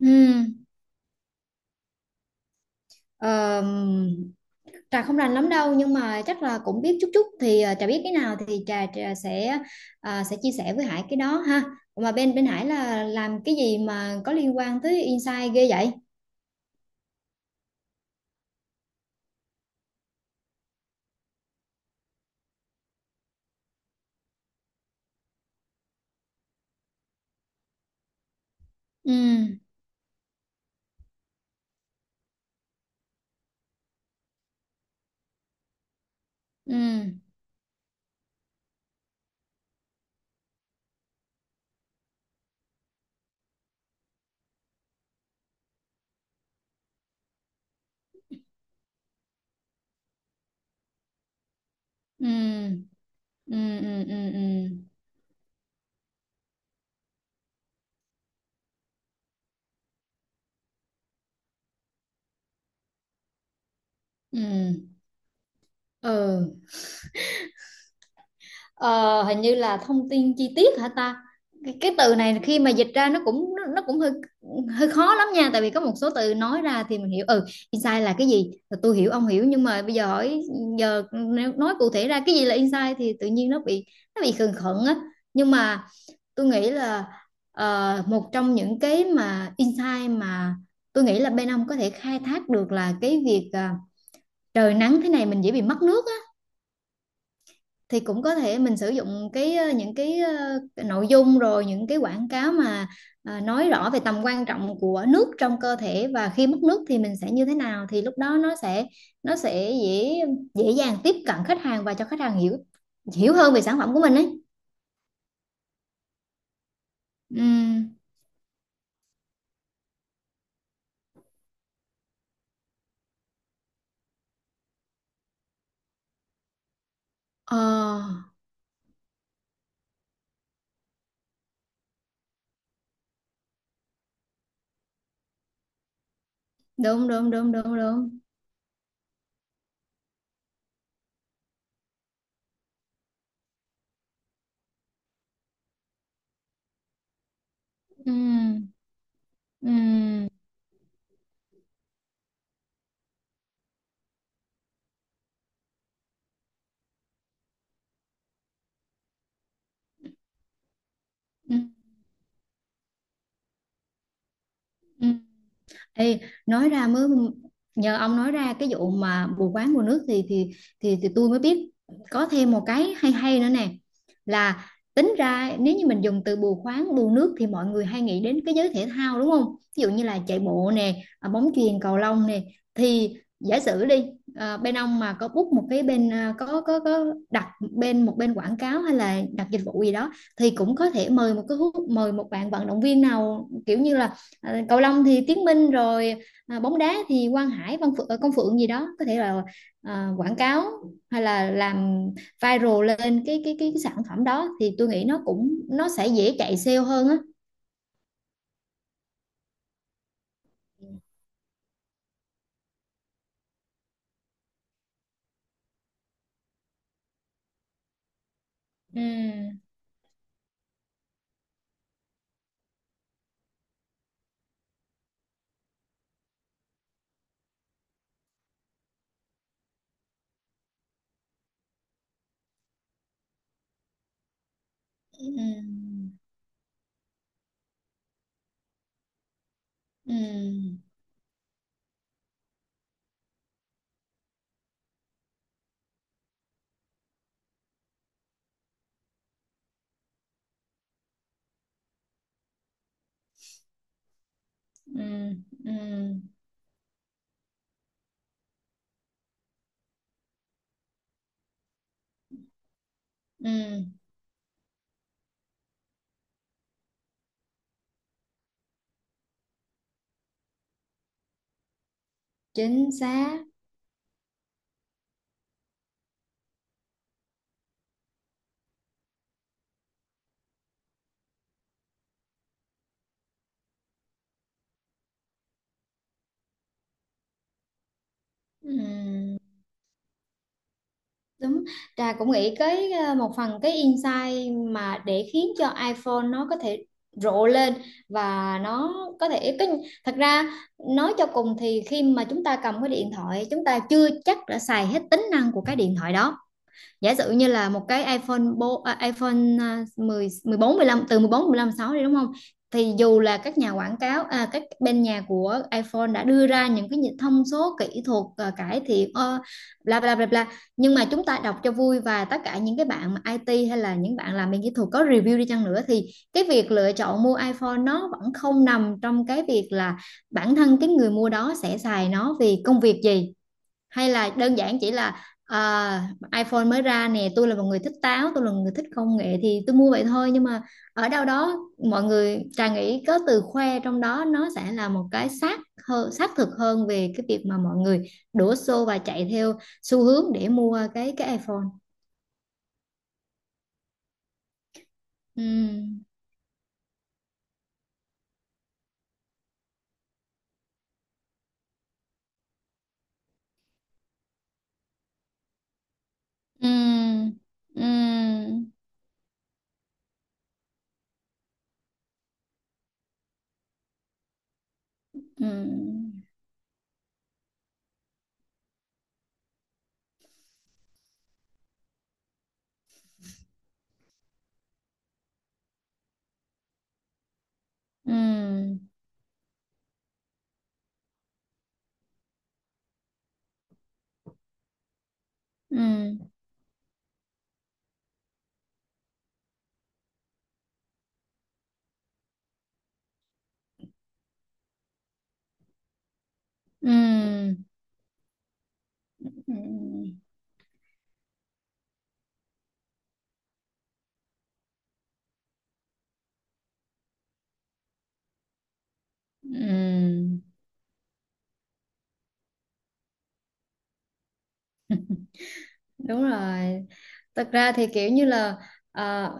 Ừ, ờ, Trà không rành lắm đâu nhưng mà chắc là cũng biết chút chút thì Trà biết cái nào thì Trà sẽ chia sẻ với Hải cái đó ha. Mà bên bên Hải là làm cái gì mà có liên quan tới insight ghê vậy? Ừ, ừ, ừ, ừ, ừ, ừ, ừ, ừ. Ừ. Ừ. Ừ. Ờ, hình như là thông tin chi tiết hả ta. Cái từ này khi mà dịch ra nó cũng hơi hơi khó lắm nha, tại vì có một số từ nói ra thì mình hiểu. Ừ, insight là cái gì, tôi hiểu ông hiểu, nhưng mà bây giờ hỏi giờ nếu nói cụ thể ra cái gì là insight thì tự nhiên nó bị khựng khựng á, nhưng mà tôi nghĩ là một trong những cái mà insight mà tôi nghĩ là bên ông có thể khai thác được là cái việc trời nắng thế này mình dễ bị mất nước, thì cũng có thể mình sử dụng cái những cái nội dung rồi những cái quảng cáo mà nói rõ về tầm quan trọng của nước trong cơ thể và khi mất nước thì mình sẽ như thế nào, thì lúc đó nó sẽ dễ dễ dàng tiếp cận khách hàng và cho khách hàng hiểu hiểu hơn về sản phẩm của mình ấy. Ừm. Ờ, đúng đúng đúng đúng đúng. Ừm, ừm, ừm. Ê, nói ra mới nhờ ông nói ra cái vụ mà bù quán mùa nước thì tôi mới biết có thêm một cái hay hay nữa nè, là tính ra nếu như mình dùng từ bù khoáng bù nước thì mọi người hay nghĩ đến cái giới thể thao đúng không, ví dụ như là chạy bộ nè, bóng chuyền cầu lông nè, thì giả sử đi, bên ông mà có book một cái bên, có đặt bên một bên quảng cáo hay là đặt dịch vụ gì đó thì cũng có thể mời một bạn vận động viên nào kiểu như là Ờ, cầu lông thì Tiến Minh rồi, bóng đá thì Quang Hải, Văn Phượng, Công Phượng gì đó, có thể là quảng cáo hay là làm viral lên cái sản phẩm đó thì tôi nghĩ nó sẽ dễ chạy sale hơn á. Ừ, ừ, ừ, ừ, ừ, ừ, ừ, chính xác. Ừ. Đúng, Trà cũng nghĩ cái một phần cái insight mà để khiến cho iPhone nó có thể rộ lên và nó có thể cái, thật ra nói cho cùng thì khi mà chúng ta cầm cái điện thoại chúng ta chưa chắc đã xài hết tính năng của cái điện thoại đó. Giả sử như là một cái iPhone bo, à, iPhone à, 10 14 15, từ 14 15 6 đi đúng không, thì dù là các nhà quảng cáo, các bên nhà của iPhone đã đưa ra những cái thông số kỹ thuật, cải thiện bla bla bla bla, nhưng mà chúng ta đọc cho vui, và tất cả những cái bạn mà IT hay là những bạn làm bên kỹ thuật có review đi chăng nữa thì cái việc lựa chọn mua iPhone nó vẫn không nằm trong cái việc là bản thân cái người mua đó sẽ xài nó vì công việc gì, hay là đơn giản chỉ là iPhone mới ra nè, tôi là một người thích táo, tôi là một người thích công nghệ thì tôi mua vậy thôi, nhưng mà ở đâu đó, mọi người, Trà nghĩ có từ khoe trong đó nó sẽ là một cái xác thực hơn về cái việc mà mọi người đổ xô và chạy theo xu hướng để mua cái iPhone. Ừ, ừ, ừ, ừ, ừ, ừ, ừ, ừ, ừ, đúng rồi. Thật ra thì kiểu như là ờ,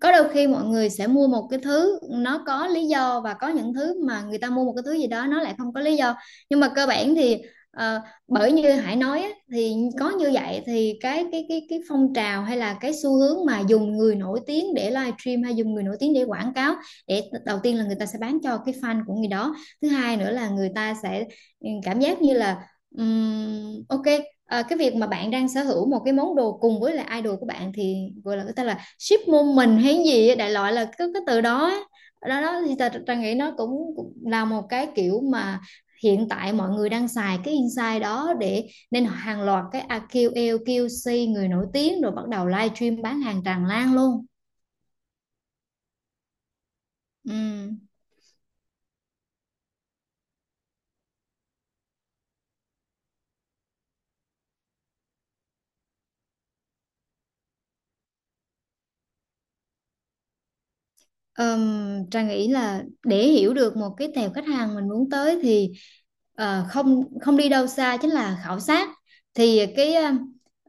có đôi khi mọi người sẽ mua một cái thứ nó có lý do, và có những thứ mà người ta mua một cái thứ gì đó nó lại không có lý do, nhưng mà cơ bản thì ờ, bởi như Hải nói á, thì có như vậy thì cái phong trào hay là cái xu hướng mà dùng người nổi tiếng để livestream hay dùng người nổi tiếng để quảng cáo, để đầu tiên là người ta sẽ bán cho cái fan của người đó, thứ hai nữa là người ta sẽ cảm giác như là ok, cái việc mà bạn đang sở hữu một cái món đồ cùng với là idol của bạn thì gọi là người ta là ship môn mình hay gì á, đại loại là cái từ đó á. Đó, đó thì ta nghĩ nó cũng là một cái kiểu mà hiện tại mọi người đang xài cái insight đó, để nên hàng loạt cái AQL, QC người nổi tiếng rồi bắt đầu live stream bán hàng tràn lan luôn. Ừ. Ờm, Trang nghĩ là để hiểu được một cái tệp khách hàng mình muốn tới thì ờ, không không đi đâu xa, chính là khảo sát, thì cái ờ,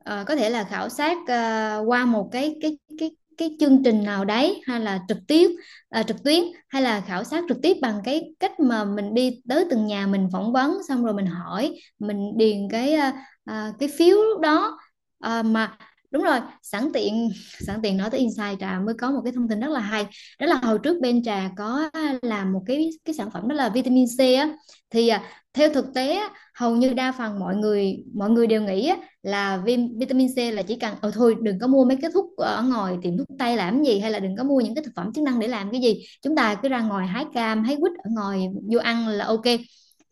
ờ, có thể là khảo sát qua một cái chương trình nào đấy hay là trực tiếp trực tuyến, hay là khảo sát trực tiếp bằng cái cách mà mình đi tới từng nhà mình phỏng vấn xong rồi mình hỏi mình điền cái phiếu lúc đó. Mà đúng rồi, sẵn tiện sẵn tiện nói tới Insight, Trà mới có một cái thông tin rất là hay. Đó là hồi trước bên Trà có làm một cái sản phẩm đó là vitamin C á, thì theo thực tế á, hầu như đa phần mọi người đều nghĩ á, là vitamin C là chỉ cần thôi, đừng có mua mấy cái thuốc ở ngoài tiệm thuốc tây làm gì, hay là đừng có mua những cái thực phẩm chức năng để làm cái gì, chúng ta cứ ra ngoài hái cam hái quýt ở ngoài vô ăn là ok.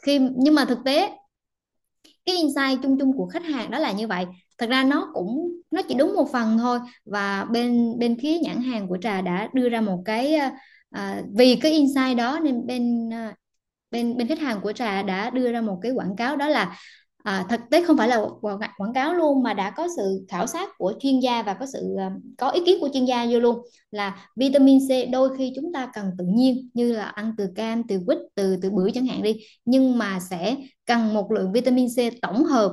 Nhưng mà thực tế, cái insight chung chung của khách hàng đó là như vậy, thật ra nó cũng chỉ đúng một phần thôi, và bên bên phía nhãn hàng của Trà đã đưa ra một cái vì cái insight đó nên bên ờ, bên bên khách hàng của Trà đã đưa ra một cái quảng cáo, đó là thực tế không phải là quảng cáo luôn mà đã có sự khảo sát của chuyên gia, và có ý kiến của chuyên gia vô luôn, là vitamin C đôi khi chúng ta cần tự nhiên như là ăn từ cam từ quýt từ từ bưởi chẳng hạn đi, nhưng mà sẽ cần một lượng vitamin C tổng hợp,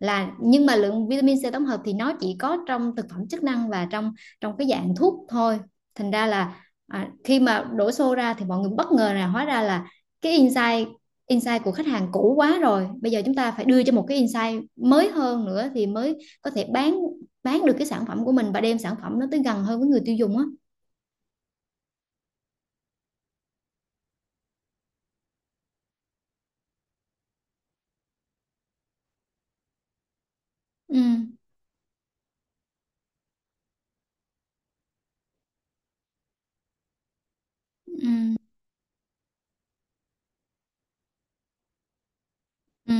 là nhưng mà lượng vitamin C tổng hợp thì nó chỉ có trong thực phẩm chức năng và trong trong cái dạng thuốc thôi. Thành ra là khi mà đổ xô ra thì mọi người bất ngờ là hóa ra là cái insight insight của khách hàng cũ quá rồi, bây giờ chúng ta phải đưa cho một cái insight mới hơn nữa thì mới có thể bán được cái sản phẩm của mình và đem sản phẩm nó tới gần hơn với người tiêu dùng á. Ừ, ừ, ừ.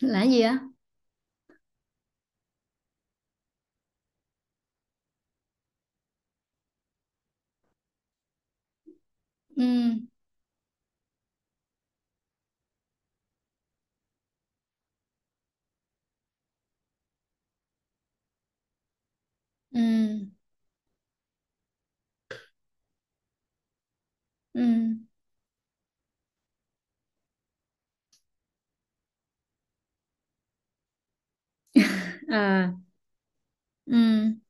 Là gì á? Ừ, ừ, ừ. À, ừ,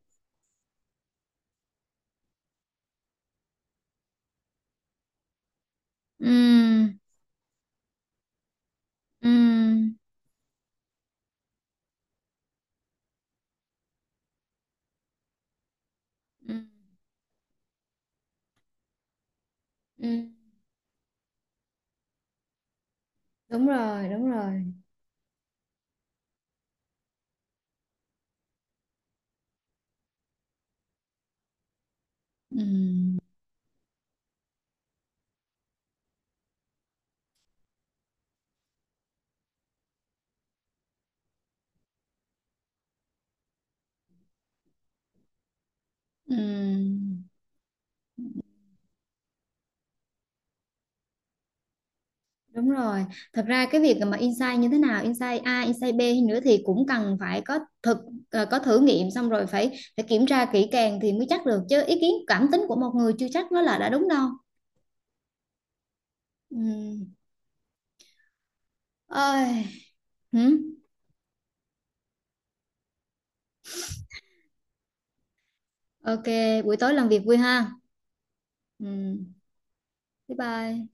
ừ, ừ, ừ. Ừ, đúng rồi, đúng rồi. Ừm, Đúng rồi. Thật ra cái việc mà insight như thế nào, insight A, insight B hay nữa thì cũng cần phải có thử nghiệm xong rồi phải phải kiểm tra kỹ càng thì mới chắc được, chứ ý kiến cảm tính của một người chưa chắc nó là đã đúng đâu. Ừ. Ôi. Hử? Ok, buổi tối làm việc vui ha. Ừ. Bye bye.